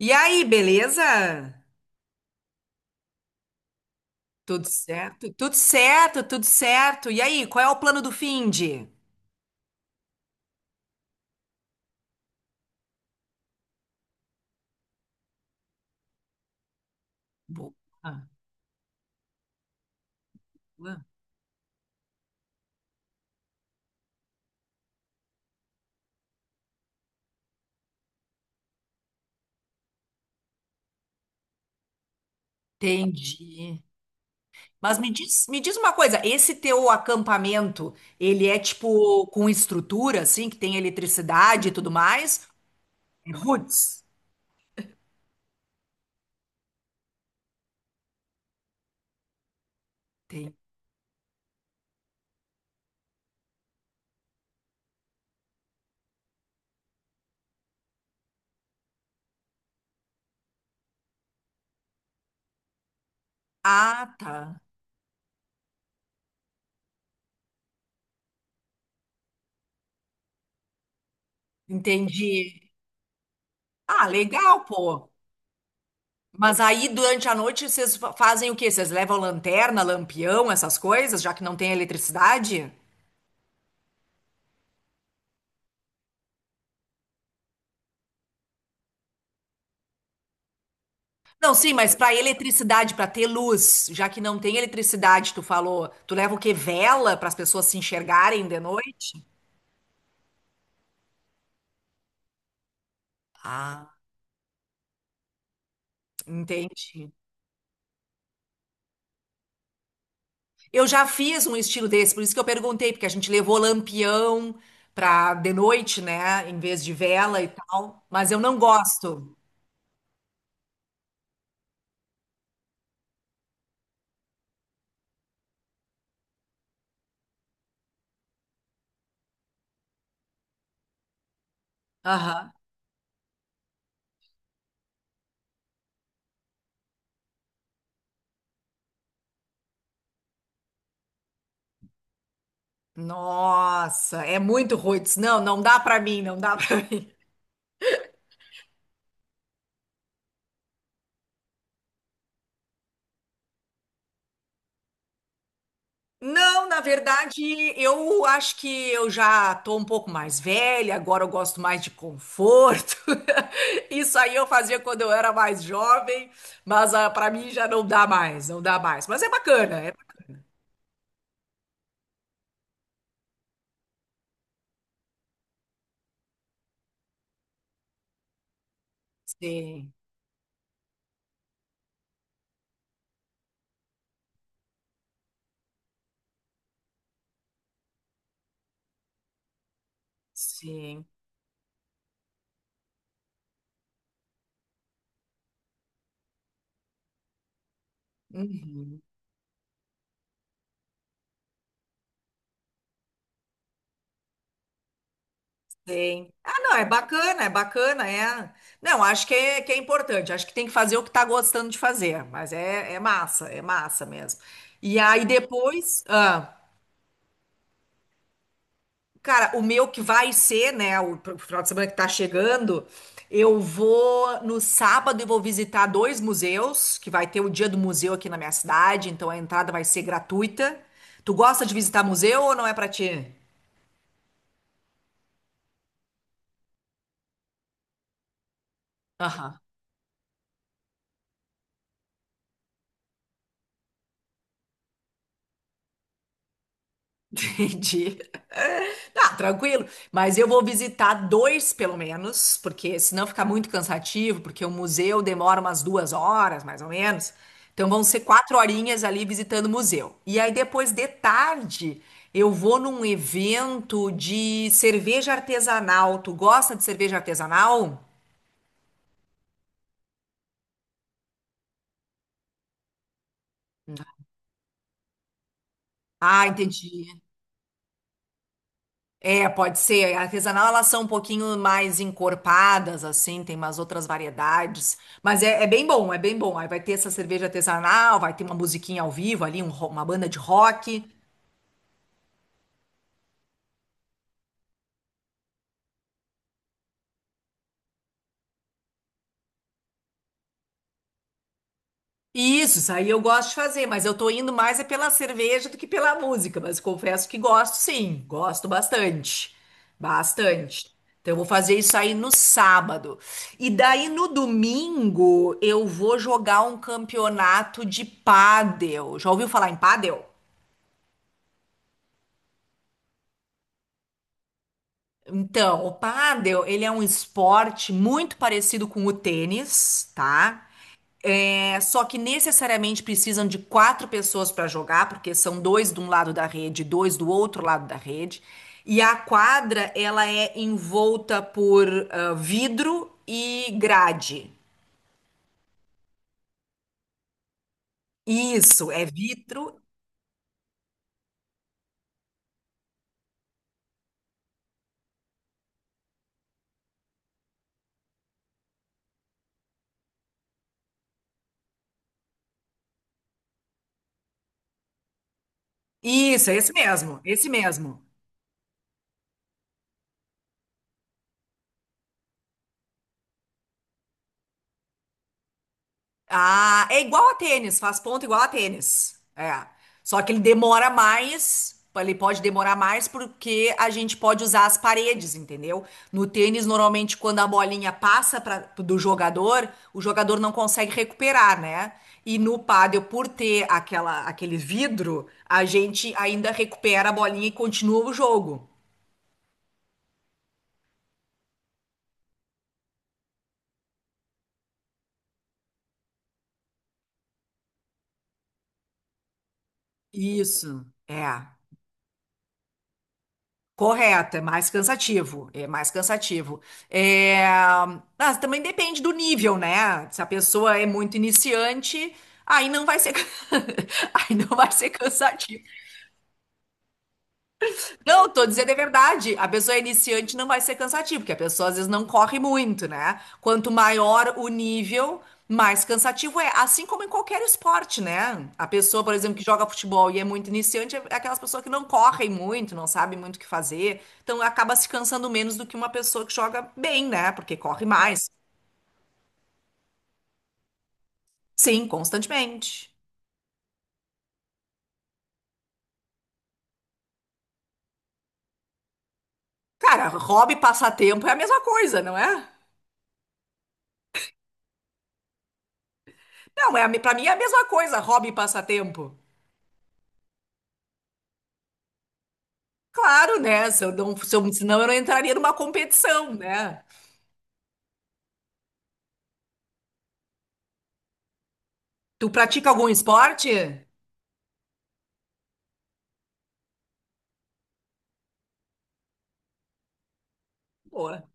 E aí, beleza? Tudo certo? Tudo certo, tudo certo. E aí, qual é o plano do finde? Boa. Boa. Entendi. Mas me diz uma coisa, esse teu acampamento, ele é tipo com estrutura, assim, que tem eletricidade e tudo mais? É Roots. Tem. Ah, tá. Entendi. Ah, legal, pô. Mas aí, durante a noite, vocês fazem o quê? Vocês levam lanterna, lampião, essas coisas, já que não tem eletricidade? Não, sim, mas para eletricidade, para ter luz, já que não tem eletricidade, tu falou, tu leva o quê? Vela para as pessoas se enxergarem de noite? Ah, entendi. Eu já fiz um estilo desse, por isso que eu perguntei, porque a gente levou lampião para de noite, né, em vez de vela e tal, mas eu não gosto. Aham. Nossa, é muito ruim. Não, não dá para mim, não dá para mim. Não, na verdade, eu acho que eu já tô um pouco mais velha, agora eu gosto mais de conforto. Isso aí eu fazia quando eu era mais jovem, mas para mim já não dá mais, não dá mais. Mas é bacana, Sim, sim. Uhum. Sim. Ah, não, é bacana, é bacana, é. Não, acho que é importante, acho que tem que fazer o que tá gostando de fazer, mas é, é massa mesmo. E aí depois. Ah. Cara, o meu que vai ser, né, o final de semana que tá chegando, eu vou no sábado e vou visitar dois museus, que vai ter o dia do museu aqui na minha cidade, então a entrada vai ser gratuita. Tu gosta de visitar museu ou não é pra ti? Aham. Entendi. Tá, tranquilo. Mas eu vou visitar dois, pelo menos, porque senão fica muito cansativo, porque o museu demora umas 2 horas, mais ou menos. Então vão ser 4 horinhas ali visitando o museu. E aí depois de tarde eu vou num evento de cerveja artesanal. Tu gosta de cerveja artesanal? Ah, entendi. É, pode ser. A artesanal, elas são um pouquinho mais encorpadas, assim, tem umas outras variedades. Mas é, é bem bom, é bem bom. Aí vai ter essa cerveja artesanal, vai ter uma musiquinha ao vivo ali, uma banda de rock. Isso aí eu gosto de fazer, mas eu tô indo mais é pela cerveja do que pela música, mas confesso que gosto sim, gosto bastante, bastante. Então eu vou fazer isso aí no sábado. E daí no domingo eu vou jogar um campeonato de pádel. Já ouviu falar em pádel? Então, o pádel, ele é um esporte muito parecido com o tênis, tá? É, só que necessariamente precisam de quatro pessoas para jogar, porque são dois de um lado da rede, dois do outro lado da rede. E a quadra, ela é envolta por vidro e grade. Isso, é vidro. Isso, é esse mesmo, esse mesmo. Ah, é igual a tênis, faz ponto igual a tênis. É. Só que ele demora mais, ele pode demorar mais porque a gente pode usar as paredes, entendeu? No tênis, normalmente, quando a bolinha passa pra, do jogador, o jogador não consegue recuperar, né? E no pádel, por ter aquela, aquele vidro, a gente ainda recupera a bolinha e continua o jogo. Isso. É. Correto, é mais cansativo, é mais cansativo. É, mas também depende do nível, né? Se a pessoa é muito iniciante, aí não vai ser, aí não vai ser cansativo. Não, tô dizendo é verdade. A pessoa iniciante não vai ser cansativa, porque a pessoa às vezes não corre muito, né? Quanto maior o nível, mais cansativo é. Assim como em qualquer esporte, né? A pessoa, por exemplo, que joga futebol e é muito iniciante, é aquelas pessoas que não correm muito, não sabem muito o que fazer. Então acaba se cansando menos do que uma pessoa que joga bem, né? Porque corre mais. Sim, constantemente. Cara, hobby e passatempo é a mesma coisa, não é? Não, é pra mim é a mesma coisa, hobby e passatempo. Claro, né? Se eu não, se eu, senão eu não entraria numa competição, né? Tu pratica algum esporte? Boa.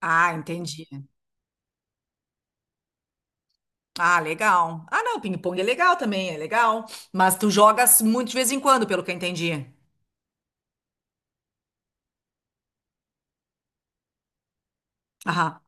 Ah, entendi. Ah, legal. Ah, não, ping-pong é legal também, é legal. Mas tu jogas muito de vez em quando, pelo que eu entendi. Aham.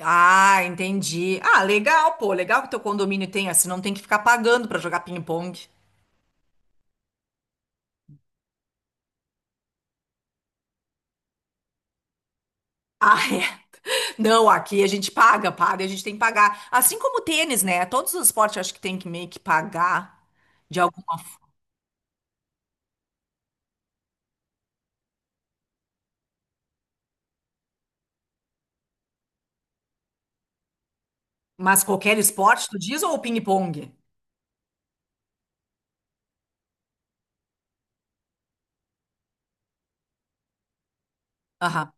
Ah, entendi. Ah, legal, pô. Legal que teu condomínio tem, assim, não tem que ficar pagando pra jogar ping-pong. Ah, é. Não, aqui a gente paga, paga, a gente tem que pagar. Assim como o tênis, né? Todos os esportes eu acho que tem que meio que pagar de alguma. Mas qualquer esporte, tu diz, ou ping-pong? Aham.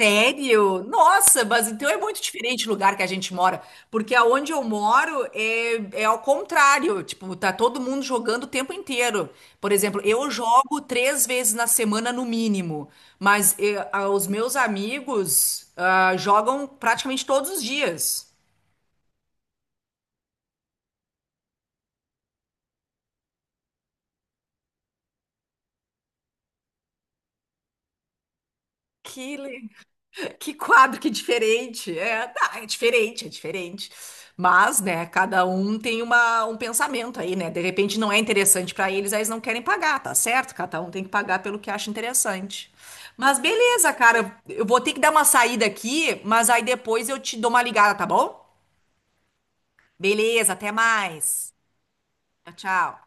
Sério? Nossa, mas então é muito diferente o lugar que a gente mora, porque aonde eu moro é, é ao contrário, tipo, tá todo mundo jogando o tempo inteiro. Por exemplo, eu jogo 3 vezes na semana no mínimo, mas os meus amigos jogam praticamente todos os dias. Que Que quadro, que diferente. É, tá, é diferente, é diferente. Mas, né, cada um tem uma, um pensamento aí, né? De repente não é interessante pra eles, aí eles não querem pagar, tá certo? Cada um tem que pagar pelo que acha interessante. Mas beleza, cara, eu vou ter que dar uma saída aqui, mas aí depois eu te dou uma ligada, tá bom? Beleza, até mais. Tchau, tchau.